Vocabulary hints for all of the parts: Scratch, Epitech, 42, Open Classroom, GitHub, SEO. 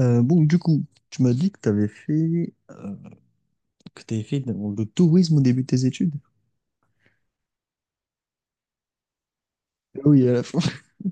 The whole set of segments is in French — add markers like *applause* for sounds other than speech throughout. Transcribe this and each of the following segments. Bon, du coup, tu m'as dit que tu avais fait, que t'avais fait dans le tourisme au début de tes études. Ah oui, à la fin. *laughs*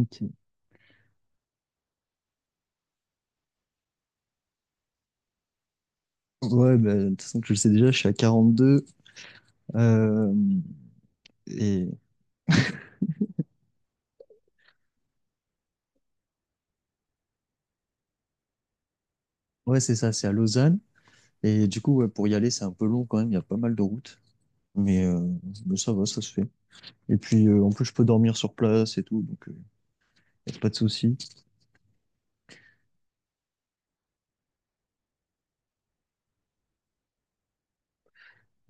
Ok. Ouais, bah, de toute façon, tu le sais déjà, je suis à 42. euh, et ouais, c'est ça, c'est à Lausanne. Et du coup, ouais, pour y aller, c'est un peu long quand même, il y a pas mal de routes. Mais, euh, mais ça va, ça se fait. Et puis, en plus, je peux dormir sur place et tout, donc y a pas de souci.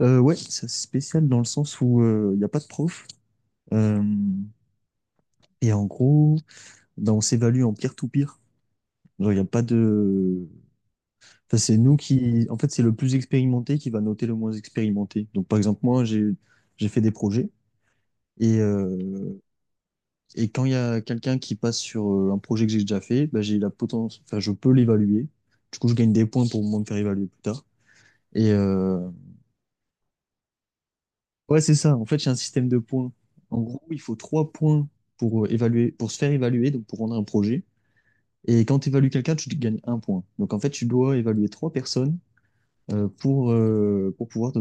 Ouais, c'est spécial dans le sens où il n'y a pas de prof. Euh, et en gros, ben, on s'évalue en peer-to-peer. Genre, il n'y a pas de… Enfin, c'est nous qui… En fait, c'est le plus expérimenté qui va noter le moins expérimenté. Donc, par exemple, moi, j'ai fait des projets. Et, euh, et quand il y a quelqu'un qui passe sur un projet que j'ai déjà fait, ben, j'ai la potence… enfin, je peux l'évaluer. Du coup, je gagne des points pour moi me faire évaluer plus tard. Et euh, ouais, c'est ça. En fait, j'ai un système de points. En gros, il faut 3 points pour évaluer, pour se faire évaluer, donc pour rendre un projet. Et quand tu évalues quelqu'un, tu gagnes un point. Donc en fait, tu dois évaluer 3 personnes pour, pour pouvoir te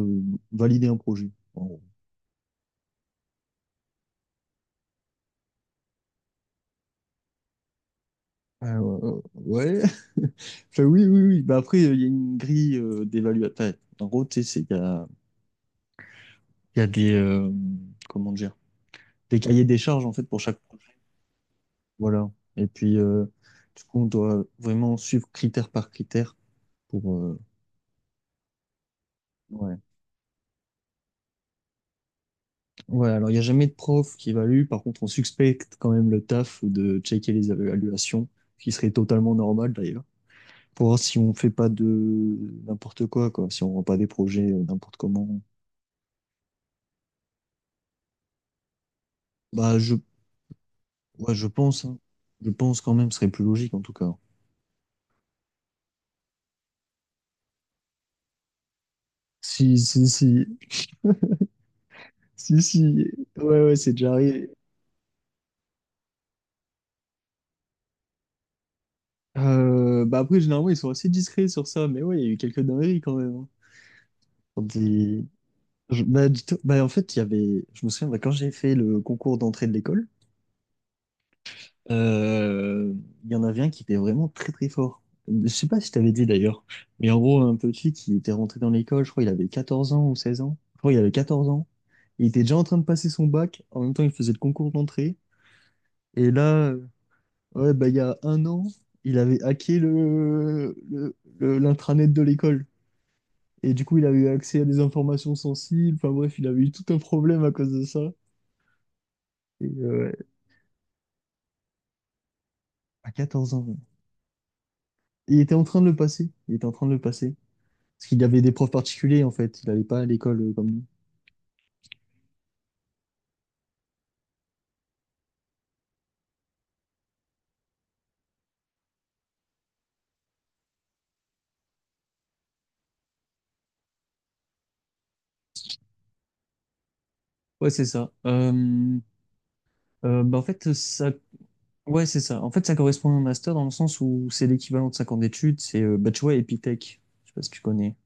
valider un projet. En gros. Ah, ouais, ouais, ouais. *laughs* Enfin, oui, oui, oui. Bah, après, il y a une grille d'évaluation. Enfin, en gros, tu sais, il y a des, comment dire, des cahiers des charges en fait pour chaque projet. Voilà. Et puis, du coup, on doit vraiment suivre critère par critère. Pour, euh, ouais. Ouais, alors il n'y a jamais de prof qui évalue. Par contre, on suspecte quand même le taf de checker les évaluations, ce qui serait totalement normal d'ailleurs, pour voir si on fait pas de n'importe quoi, quoi, si on rend pas des projets n'importe comment. Bah, je, ouais, je pense, hein. Je pense quand même, ce serait plus logique en tout cas. Si, si, si, si, si, ouais, ouais, c'est déjà arrivé. Bah après, généralement, ils sont assez discrets sur ça, mais ouais, il y a eu quelques dingueries quand même, hein. Quand ils, Je- bah, du tout- bah, En fait, il y avait, je me souviens, bah, quand j'ai fait le concours d'entrée de l'école, euh, il y en avait un qui était vraiment très très fort. Je sais pas si je t'avais dit d'ailleurs, mais en gros, un petit qui était rentré dans l'école, je crois il avait 14 ans ou 16 ans. Je crois il avait 14 ans. Il était déjà en train de passer son bac. En même temps, il faisait le concours d'entrée. Et là, euh, ouais, bah, il y a un an, il avait hacké l'intranet de l'école. Et du coup, il avait eu accès à des informations sensibles. Enfin bref, il avait eu tout un problème à cause de ça. Et, euh, À 14 ans. Il était en train de le passer. Il était en train de le passer. Parce qu'il avait des profs particuliers, en fait. Il n'allait pas à l'école comme nous. Ouais, c'est ça. Bah, en fait, ça… Ouais, c'est ça. En fait, ça correspond à un master dans le sens où c'est l'équivalent de 5 ans d'études. Bah, tu vois, Epitech. Je sais pas si tu connais.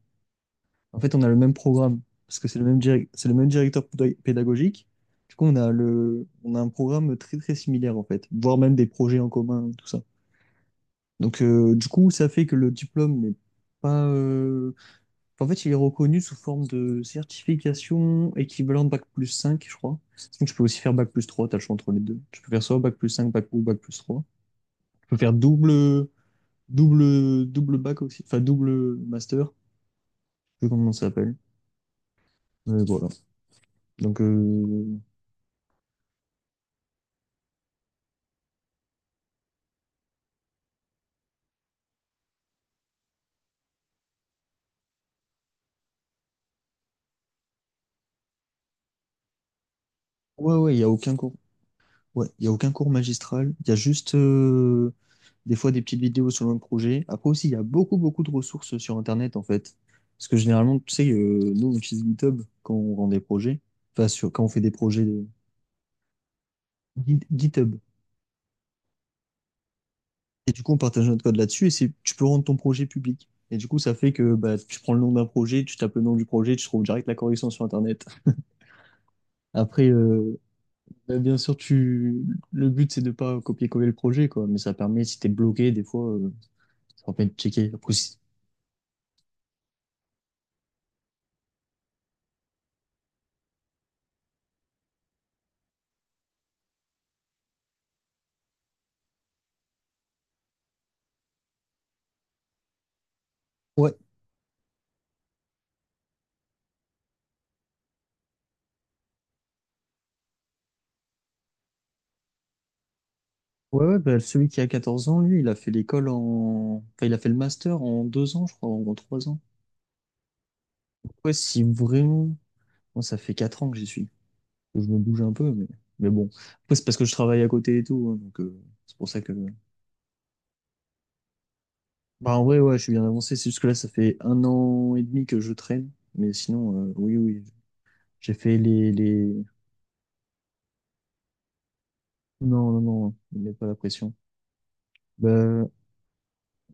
En fait, on a le même programme. Parce que c'est le même directeur pédagogique. Du coup, on a un programme très, très similaire, en fait. Voire même des projets en commun, tout ça. Du coup, ça fait que le diplôme n'est pas… En fait, il est reconnu sous forme de certification équivalente Bac+5, je crois. Donc, tu peux aussi faire Bac+3. T'as le choix entre les deux. Tu peux faire soit Bac+5, Bac ou Bac+3. Tu peux faire double Bac aussi, enfin double master, je sais pas comment ça s'appelle. Mais voilà. Donc, euh, ouais, ouais, il n'y a aucun cours. Ouais, il y a aucun cours magistral. Il y a juste des fois des petites vidéos sur le même projet. Après aussi, il y a beaucoup, beaucoup de ressources sur Internet, en fait. Parce que généralement, tu sais, nous, on utilise GitHub quand on rend des projets, enfin, sur, quand on fait des projets de GitHub. Et du coup, on partage notre code là-dessus et tu peux rendre ton projet public. Et du coup, ça fait que bah, tu prends le nom d'un projet, tu tapes le nom du projet, tu trouves direct la correction sur Internet. Après, euh, Bah, bien sûr, le but, c'est de pas copier-coller le projet, quoi. Mais ça permet, si t'es bloqué, des fois, ça permet de checker. Après, si- Ouais. Ouais, ouais, bah, celui qui a 14 ans, lui, il a fait l'école en... Enfin, il a fait le master en 2 ans, je crois, ou en 3 ans. Ouais, si vraiment... Moi, ça fait 4 ans que j'y suis. Je me bouge un peu, mais bon. Après, c'est parce que je travaille à côté et tout, hein, donc c'est pour ça que… Bah, en vrai, ouais, je suis bien avancé. C'est juste que là, ça fait un an et demi que je traîne. Mais sinon, oui, oui, j'ai fait les... Non, non, non, ne mets pas la pression. Bah,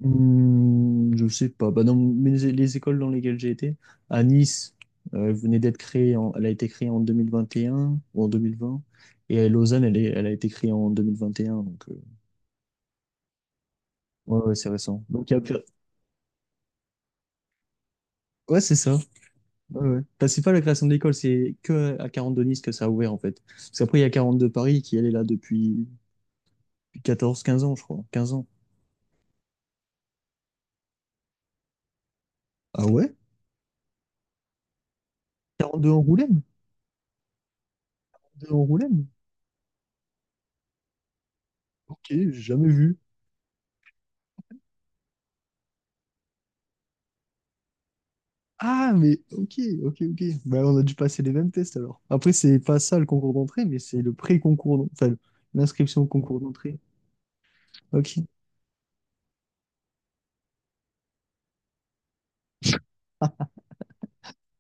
Je sais pas. Bah, dans les écoles dans lesquelles j'ai été, à Nice, elle a été créée en 2021 ou en 2020. Et à Lausanne, elle a été créée en 2021. Ouais, ouais, c'est récent. Donc, il y a plus- Ouais, c'est ça. Ouais, ouais. Enfin, c'est pas la création de l'école, c'est que à 42 Nice que ça a ouvert, en fait. Parce qu'après, il y a 42 Paris qui, elle, est là depuis 14, 15 ans, je crois. 15 ans. Ah ouais? 42 Angoulême? 42 Angoulême? Ok, j'ai jamais vu. Ah, mais ok, ok, ok. Bah, on a dû passer les mêmes tests alors. Après, c'est pas ça le concours d'entrée, mais c'est le pré-concours, enfin, l'inscription au concours d'entrée. Ok,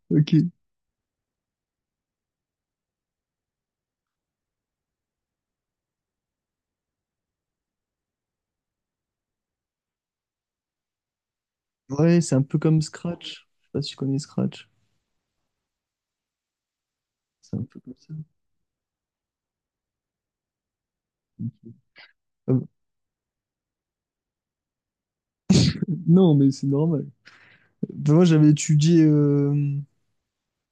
ok. Ouais, c'est un peu comme Scratch. Je sais pas si tu connais Scratch. C'est un peu comme ça. Euh, non, mais c'est normal. Ben, moi, j'avais étudié.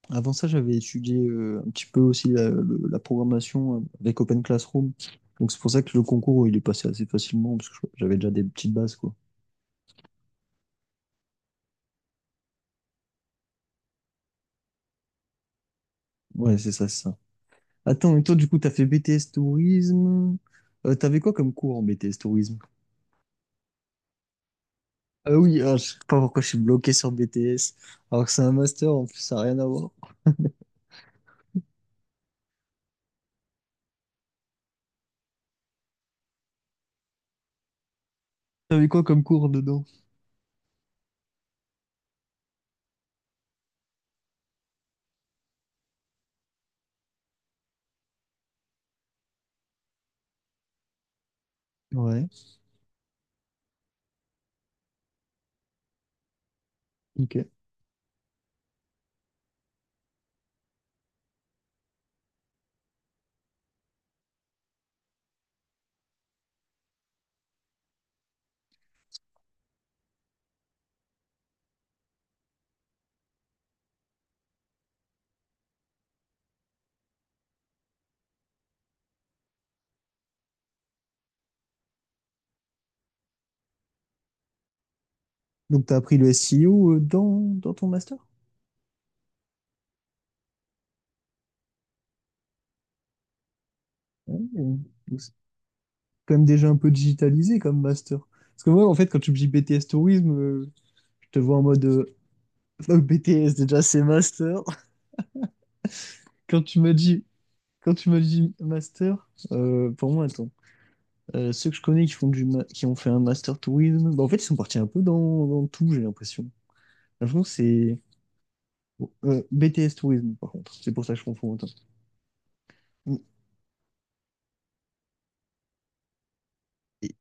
Avant ça, j'avais étudié un petit peu aussi la programmation avec Open Classroom. Donc, c'est pour ça que le concours, il est passé assez facilement, parce que j'avais déjà des petites bases, quoi. Ouais, c'est ça, c'est ça. Attends, et toi, du coup, t'as fait BTS Tourisme. T'avais quoi comme cours en BTS Tourisme? Ah oui, ah, je sais pas pourquoi je suis bloqué sur BTS, alors que c'est un master, en plus, ça n'a rien à voir. T'avais quoi comme cours dedans? Ouais, ok. Donc, t'as appris le SEO dans ton master? Ouais, euh, donc c'est quand même déjà un peu digitalisé comme master. Parce que moi, en fait, quand tu me dis BTS Tourisme, je te vois en mode *laughs* Oh, BTS, déjà, c'est master. *laughs* Quand tu m'as dit, Quand tu m'as dit master, pour moi, attends. Ceux que je connais qui qui ont fait un master tourisme, bah, en fait, ils sont partis un peu dans tout, j'ai l'impression. J'ai l'impression que c'est BTS tourisme, par contre. C'est pour ça que je confonds autant. Et-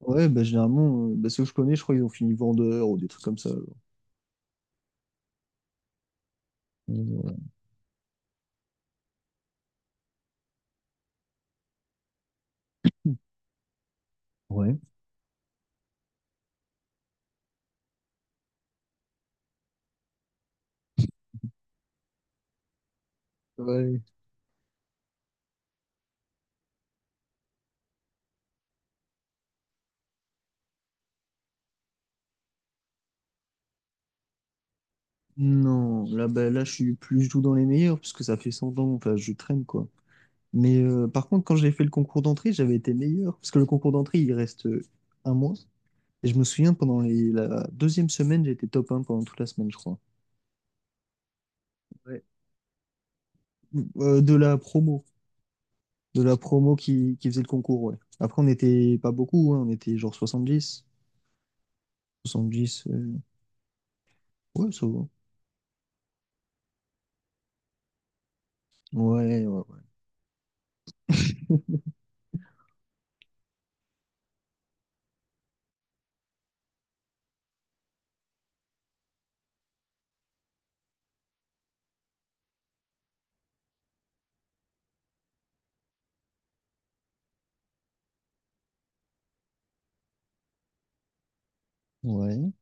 ouais, bah, généralement, bah, ceux que je connais, je crois qu'ils ont fini vendeur ou des trucs comme ça. Voilà. Ouais. Ouais. Non, là, bah, là, je suis plus du tout dans les meilleurs, puisque ça fait 100 ans, enfin, je traîne, quoi. Par contre, quand j'ai fait le concours d'entrée, j'avais été meilleur, parce que le concours d'entrée, il reste un mois. Et je me souviens, pendant la deuxième semaine, j'étais top un pendant toute la semaine, je crois. Ouais. De la promo. De la promo qui faisait le concours, ouais. Après, on n'était pas beaucoup, hein, on était genre 70. 70, ouais, ça va. Ouais, ouais, ouais. Ouais.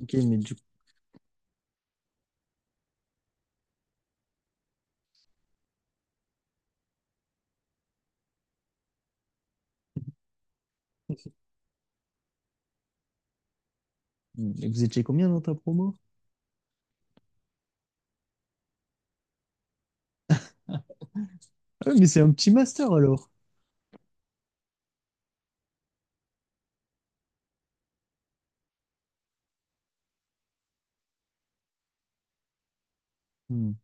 Ok, mais du coup, vous étiez combien dans ta promo? Ah, ouais, mais c'est un petit master alors. Hmm.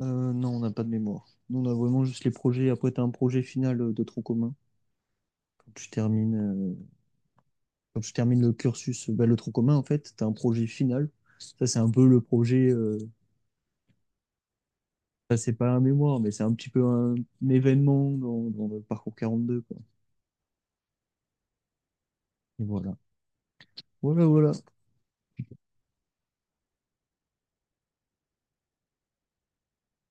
Non, on n'a pas de mémoire. Nous, on a vraiment juste les projets. Après, tu as un projet final de tronc commun. Quand tu termines, euh, Quand tu termines le cursus, bah, le tronc commun, en fait, tu as un projet final. Ça, c'est un peu le projet. Ça, c'est pas un mémoire, mais c'est un petit peu un événement dans le parcours 42, quoi. Et voilà. Voilà, voilà.